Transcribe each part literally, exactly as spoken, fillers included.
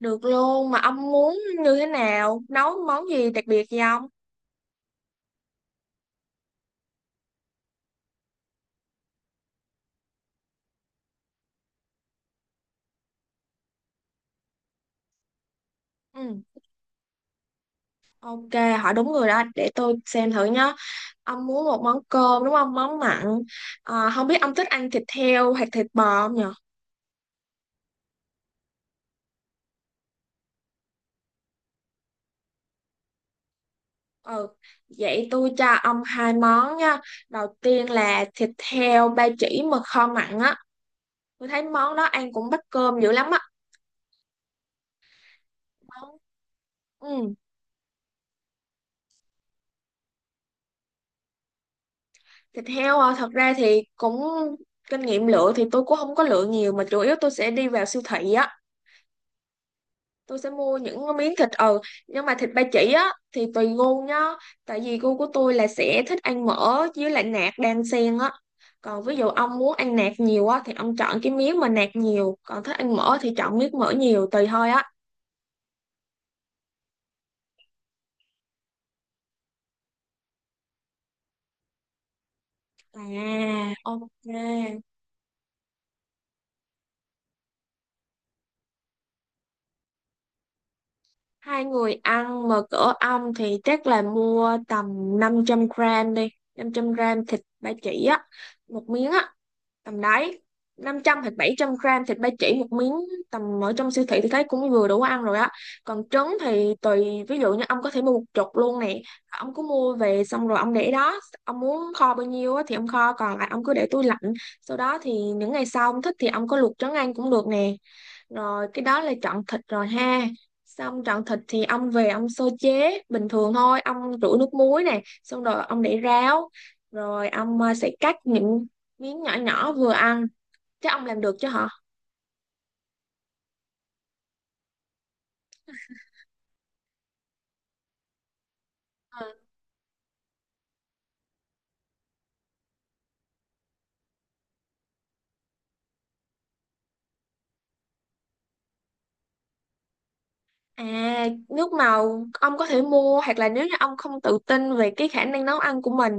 Được luôn, mà ông muốn như thế nào? Nấu món gì đặc biệt gì không? Ừ, ok, hỏi đúng người đó, để tôi xem thử nhá. Ông muốn một món cơm đúng không? Món mặn. Ờ, không biết ông thích ăn thịt heo hoặc thịt bò không nhở? Ừ, vậy tôi cho ông hai món nha. Đầu tiên là thịt heo ba chỉ mà kho mặn á. Tôi thấy món đó ăn cũng bắt cơm dữ lắm á. Món- Ừ. Thịt heo à, thật ra thì cũng kinh nghiệm lựa thì tôi cũng không có lựa nhiều, mà chủ yếu tôi sẽ đi vào siêu thị á, tôi sẽ mua những cái miếng thịt ừ, nhưng mà thịt ba chỉ á thì tùy gu nhá, tại vì gu của tôi là sẽ thích ăn mỡ với lại nạc đan xen á, còn ví dụ ông muốn ăn nạc nhiều á thì ông chọn cái miếng mà nạc nhiều, còn thích ăn mỡ thì chọn miếng mỡ nhiều, tùy thôi á. À, ok, hai người ăn mà cỡ ong thì chắc là mua tầm năm trăm gram đi, năm trăm gram thịt ba chỉ á, một miếng á, tầm đấy. Năm trăm hoặc bảy trăm gram thịt ba chỉ một miếng, tầm ở trong siêu thị thì thấy cũng vừa đủ ăn rồi á. Còn trứng thì tùy, ví dụ như ông có thể mua một chục luôn nè, ông cứ mua về xong rồi ông để đó, ông muốn kho bao nhiêu á thì ông kho, còn lại ông cứ để tủ lạnh, sau đó thì những ngày sau ông thích thì ông có luộc trứng ăn cũng được nè. Rồi cái đó là chọn thịt rồi ha. Xong chọn thịt thì ông về ông sơ chế bình thường thôi, ông rửa nước muối này xong rồi ông để ráo, rồi ông ờ, sẽ cắt những miếng nhỏ nhỏ vừa ăn, chứ ông làm được chứ hả? À, nước màu ông có thể mua, hoặc là nếu như ông không tự tin về cái khả năng nấu ăn của mình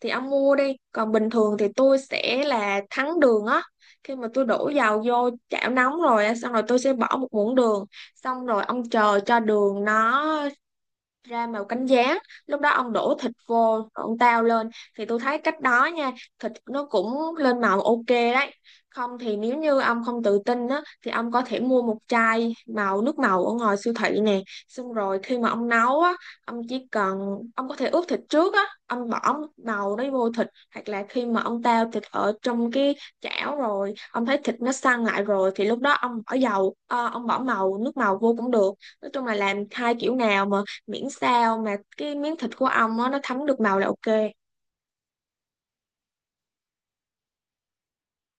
thì ông mua đi. Còn bình thường thì tôi sẽ là thắng đường á. Khi mà tôi đổ dầu vô chảo nóng rồi á, xong rồi tôi sẽ bỏ một muỗng đường. Xong rồi ông chờ cho đường nó ra màu cánh gián, lúc đó ông đổ thịt vô rồi ông tao lên, thì tôi thấy cách đó nha, thịt nó cũng lên màu ok đấy. Không thì nếu như ông không tự tin á thì ông có thể mua một chai màu nước màu ở ngoài siêu thị nè, xong rồi khi mà ông nấu á ông chỉ cần ông có thể ướp thịt trước á, ông bỏ màu đấy vô thịt, hoặc là khi mà ông tao thịt ở trong cái chảo rồi, ông thấy thịt nó săn lại rồi thì lúc đó ông bỏ dầu ờ, ông bỏ màu nước màu vô cũng được. Nói chung là làm hai kiểu nào mà miễn sao mà cái miếng thịt của ong á nó thấm được màu là ok.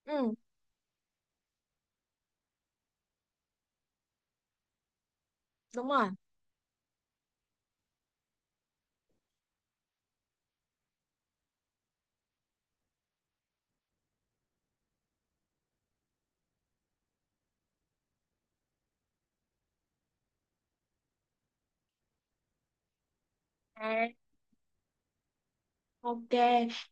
Ừ, đúng rồi. À, ok,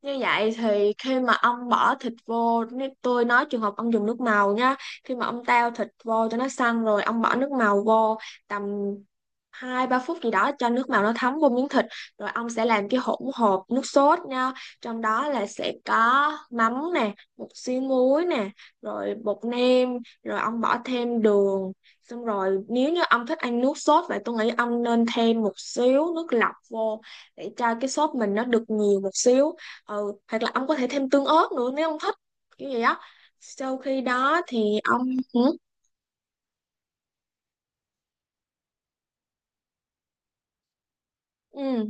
như vậy thì khi mà ông bỏ thịt vô, nếu tôi nói trường hợp ông dùng nước màu nhá, khi mà ông tao thịt vô cho nó săn rồi, ông bỏ nước màu vô tầm hai ba phút gì đó cho nước màu nó thấm vô miếng thịt, rồi ông sẽ làm cái hỗn hợp nước sốt nha, trong đó là sẽ có mắm nè, một xíu muối nè, rồi bột nêm, rồi ông bỏ thêm đường, xong rồi nếu như ông thích ăn nước sốt vậy tôi nghĩ ông nên thêm một xíu nước lọc vô để cho cái sốt mình nó được nhiều một xíu. Ừ, hoặc là ông có thể thêm tương ớt nữa nếu ông thích, kiểu vậy á. Sau khi đó thì ông ừ, ừ,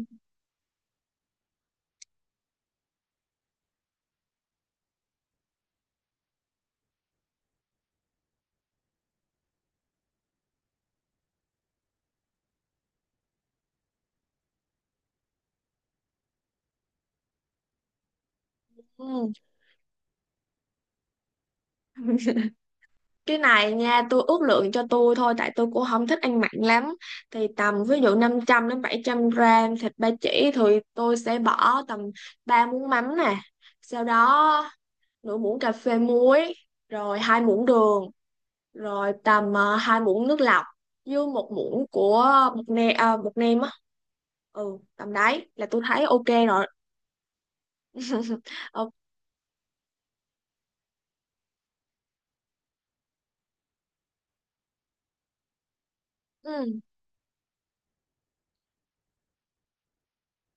ừ. Cái này nha tôi ước lượng cho tôi thôi tại tôi cũng không thích ăn mặn lắm, thì tầm ví dụ năm trăm đến bảy trăm gram thịt ba chỉ thì tôi sẽ bỏ tầm ba muỗng mắm nè, sau đó nửa muỗng cà phê muối, rồi hai muỗng đường, rồi tầm uh, hai muỗng nước lọc, với một muỗng của bột nêm à, bột nêm á. Ừ tầm đấy là tôi thấy ok rồi. Ừ, ừ,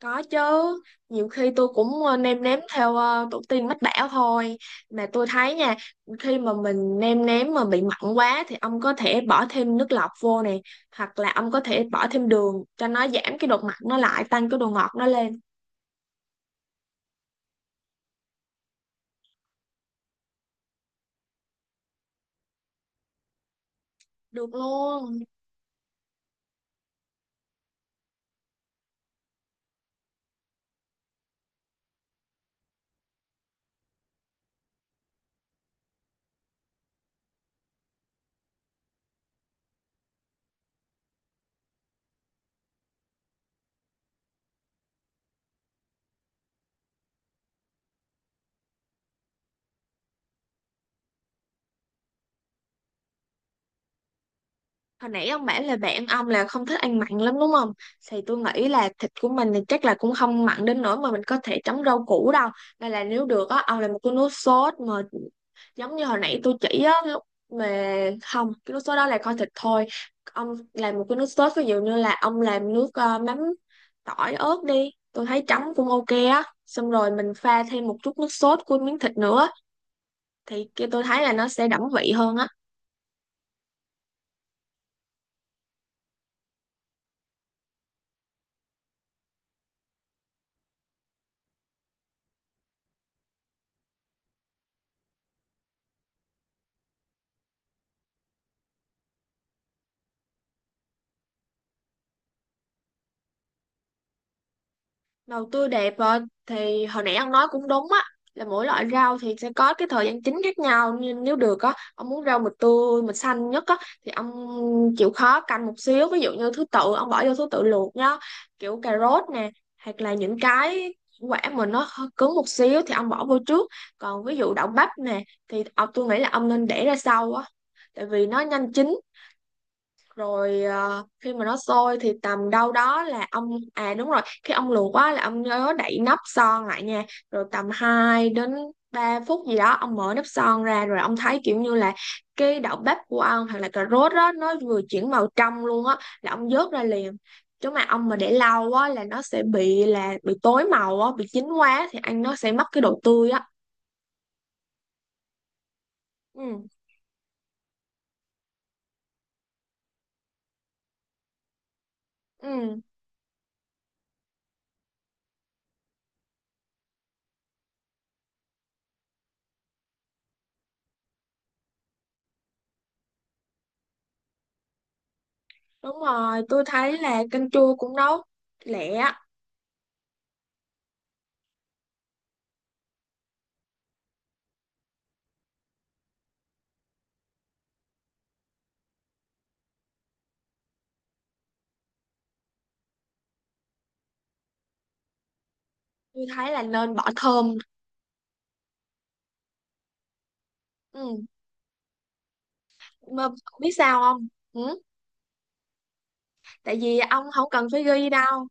có chứ, nhiều khi tôi cũng ờ, nêm nếm theo ờ, tổ tiên mách bảo thôi. Mà tôi thấy nha, khi mà mình nêm nếm mà bị mặn quá thì ông có thể bỏ thêm nước lọc vô nè, hoặc là ông có thể bỏ thêm đường cho nó giảm cái độ mặn nó lại tăng cái độ ngọt nó lên. Được luôn. Hồi nãy ông bảo là bạn ông là không thích ăn mặn lắm đúng không? Thì tôi nghĩ là thịt của mình thì chắc là cũng không mặn đến nỗi mà mình có thể chấm rau củ đâu. Nên là nếu được á, ông làm một cái nước sốt mà giống như hồi nãy tôi chỉ á, lúc mà không, cái nước sốt đó là kho thịt thôi. Ông làm một cái nước sốt ví dụ như là ông làm nước ờ, mắm tỏi ớt đi. Tôi thấy chấm cũng ok á. Xong rồi mình pha thêm một chút nước sốt của miếng thịt nữa. Thì kia tôi thấy là nó sẽ đậm vị hơn á. Đầu tư đẹp rồi, thì hồi nãy ông nói cũng đúng á là mỗi loại rau thì sẽ có cái thời gian chín khác nhau, nhưng nếu được á ông muốn rau mịch tươi mịch xanh nhất á thì ông chịu khó canh một xíu, ví dụ như thứ tự ông bỏ vô thứ tự luộc nhá, kiểu cà rốt nè hoặc là những cái quả mà nó hơi cứng một xíu thì ông bỏ vô trước, còn ví dụ đậu bắp nè thì ông tôi nghĩ là ông nên để ra sau á tại vì nó nhanh chín, rồi ờ, khi mà nó sôi thì tầm đâu đó là ông à đúng rồi khi ông luộc quá là ông nhớ đậy nắp son lại nha. Rồi tầm hai đến ba phút gì đó ông mở nắp son ra rồi ông thấy kiểu như là cái đậu bắp của ông hoặc là cà rốt đó nó vừa chuyển màu trong luôn á, là ông vớt ra liền, chứ mà ông mà để lâu á là nó sẽ bị là bị tối màu á, bị chín quá thì ăn nó sẽ mất cái độ tươi á. Ừ. Ừ, đúng rồi, tôi thấy là canh chua cũng nấu lẹ á. Tôi thấy là nên bỏ thơm. Ừ. Mà biết sao không? Ừ. Tại vì ông không cần phải ghi đâu.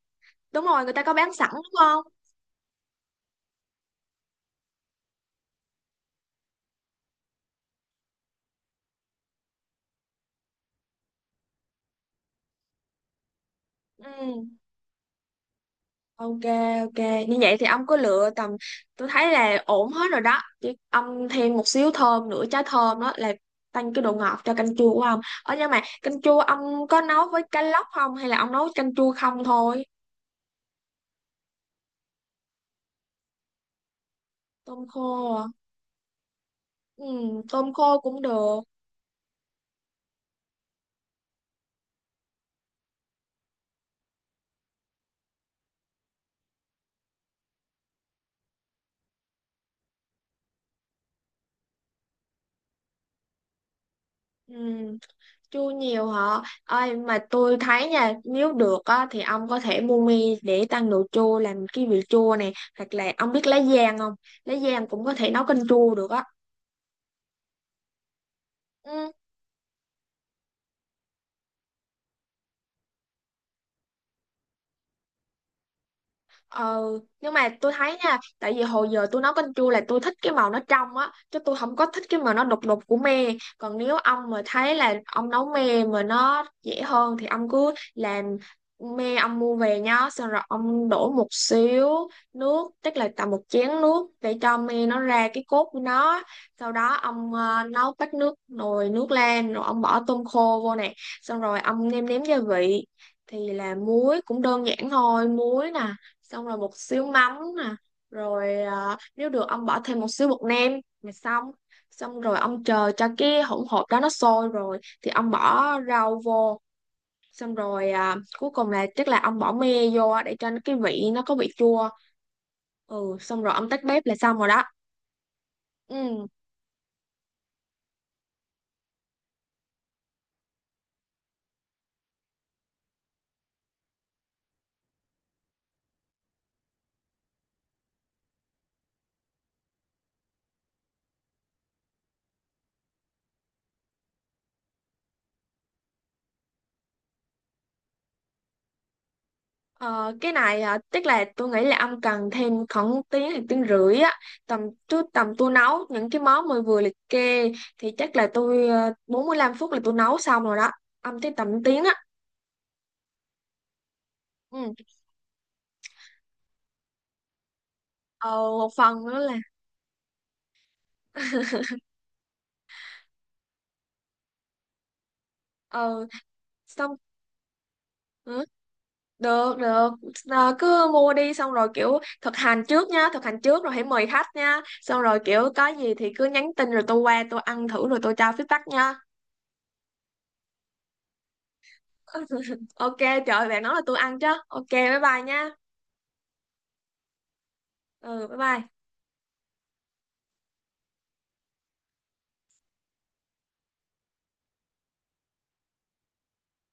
Đúng rồi, người ta có bán sẵn đúng không? Ừ. Ok, ok. Như vậy thì ông có lựa tầm tôi thấy là ổn hết rồi đó. Chứ ông thêm một xíu thơm nữa, trái thơm đó là tăng cái độ ngọt cho canh chua của ông. Ở, nhưng mà canh chua ông có nấu với cá lóc không, hay là ông nấu canh chua không thôi? Tôm khô à? Ừ, tôm khô cũng được. Ừ. Chua nhiều hả? Ơi mà tôi thấy nha, nếu được á thì ông có thể mua mi để tăng độ chua làm cái vị chua này, hoặc là ông biết lá giang không? Lá giang cũng có thể nấu canh chua được á. Ừ. Ờ, nhưng mà tôi thấy nha, tại vì hồi giờ tôi nấu canh chua là tôi thích cái màu nó trong á, chứ tôi không có thích cái màu nó đục đục của me. Còn nếu ông mà thấy là ông nấu me mà nó dễ hơn thì ông cứ làm, me ông mua về nhá, xong rồi ông đổ một xíu nước, tức là tầm một chén nước để cho me nó ra cái cốt của nó. Sau đó ông ờ, nấu bát nước nồi nước lên, rồi ông bỏ tôm khô vô nè, xong rồi ông nêm nếm gia vị. Thì là muối cũng đơn giản thôi, muối nè, xong rồi một xíu mắm nè, rồi à, nếu được ông bỏ thêm một xíu bột nêm là xong. Xong rồi ông chờ cho cái hỗn hợp đó nó sôi rồi thì ông bỏ rau vô, xong rồi à, cuối cùng là chắc là ông bỏ me vô để cho cái vị nó có vị chua. Ừ xong rồi ông tắt bếp là xong rồi đó. Ừ. Ờ, cái này à, tức là tôi nghĩ là ông cần thêm khoảng tiếng hay tiếng rưỡi á, tầm tôi tầm tôi nấu những cái món mới vừa liệt kê thì chắc là tôi ờ, bốn mươi lăm phút là tôi nấu xong rồi đó, ông tới tầm tiếng á. Ừ. ờ, một phần nữa là ờ xong. Ừ, được được. Ờ, cứ mua đi xong rồi kiểu thực hành trước nha, thực hành trước rồi hãy mời khách nha, xong rồi kiểu có gì thì cứ nhắn tin rồi tôi qua tôi ăn thử rồi tôi cho feedback nha. ok trời ơi, bạn nói là tôi ăn chứ ok bye bye nha. Ừ bye bye.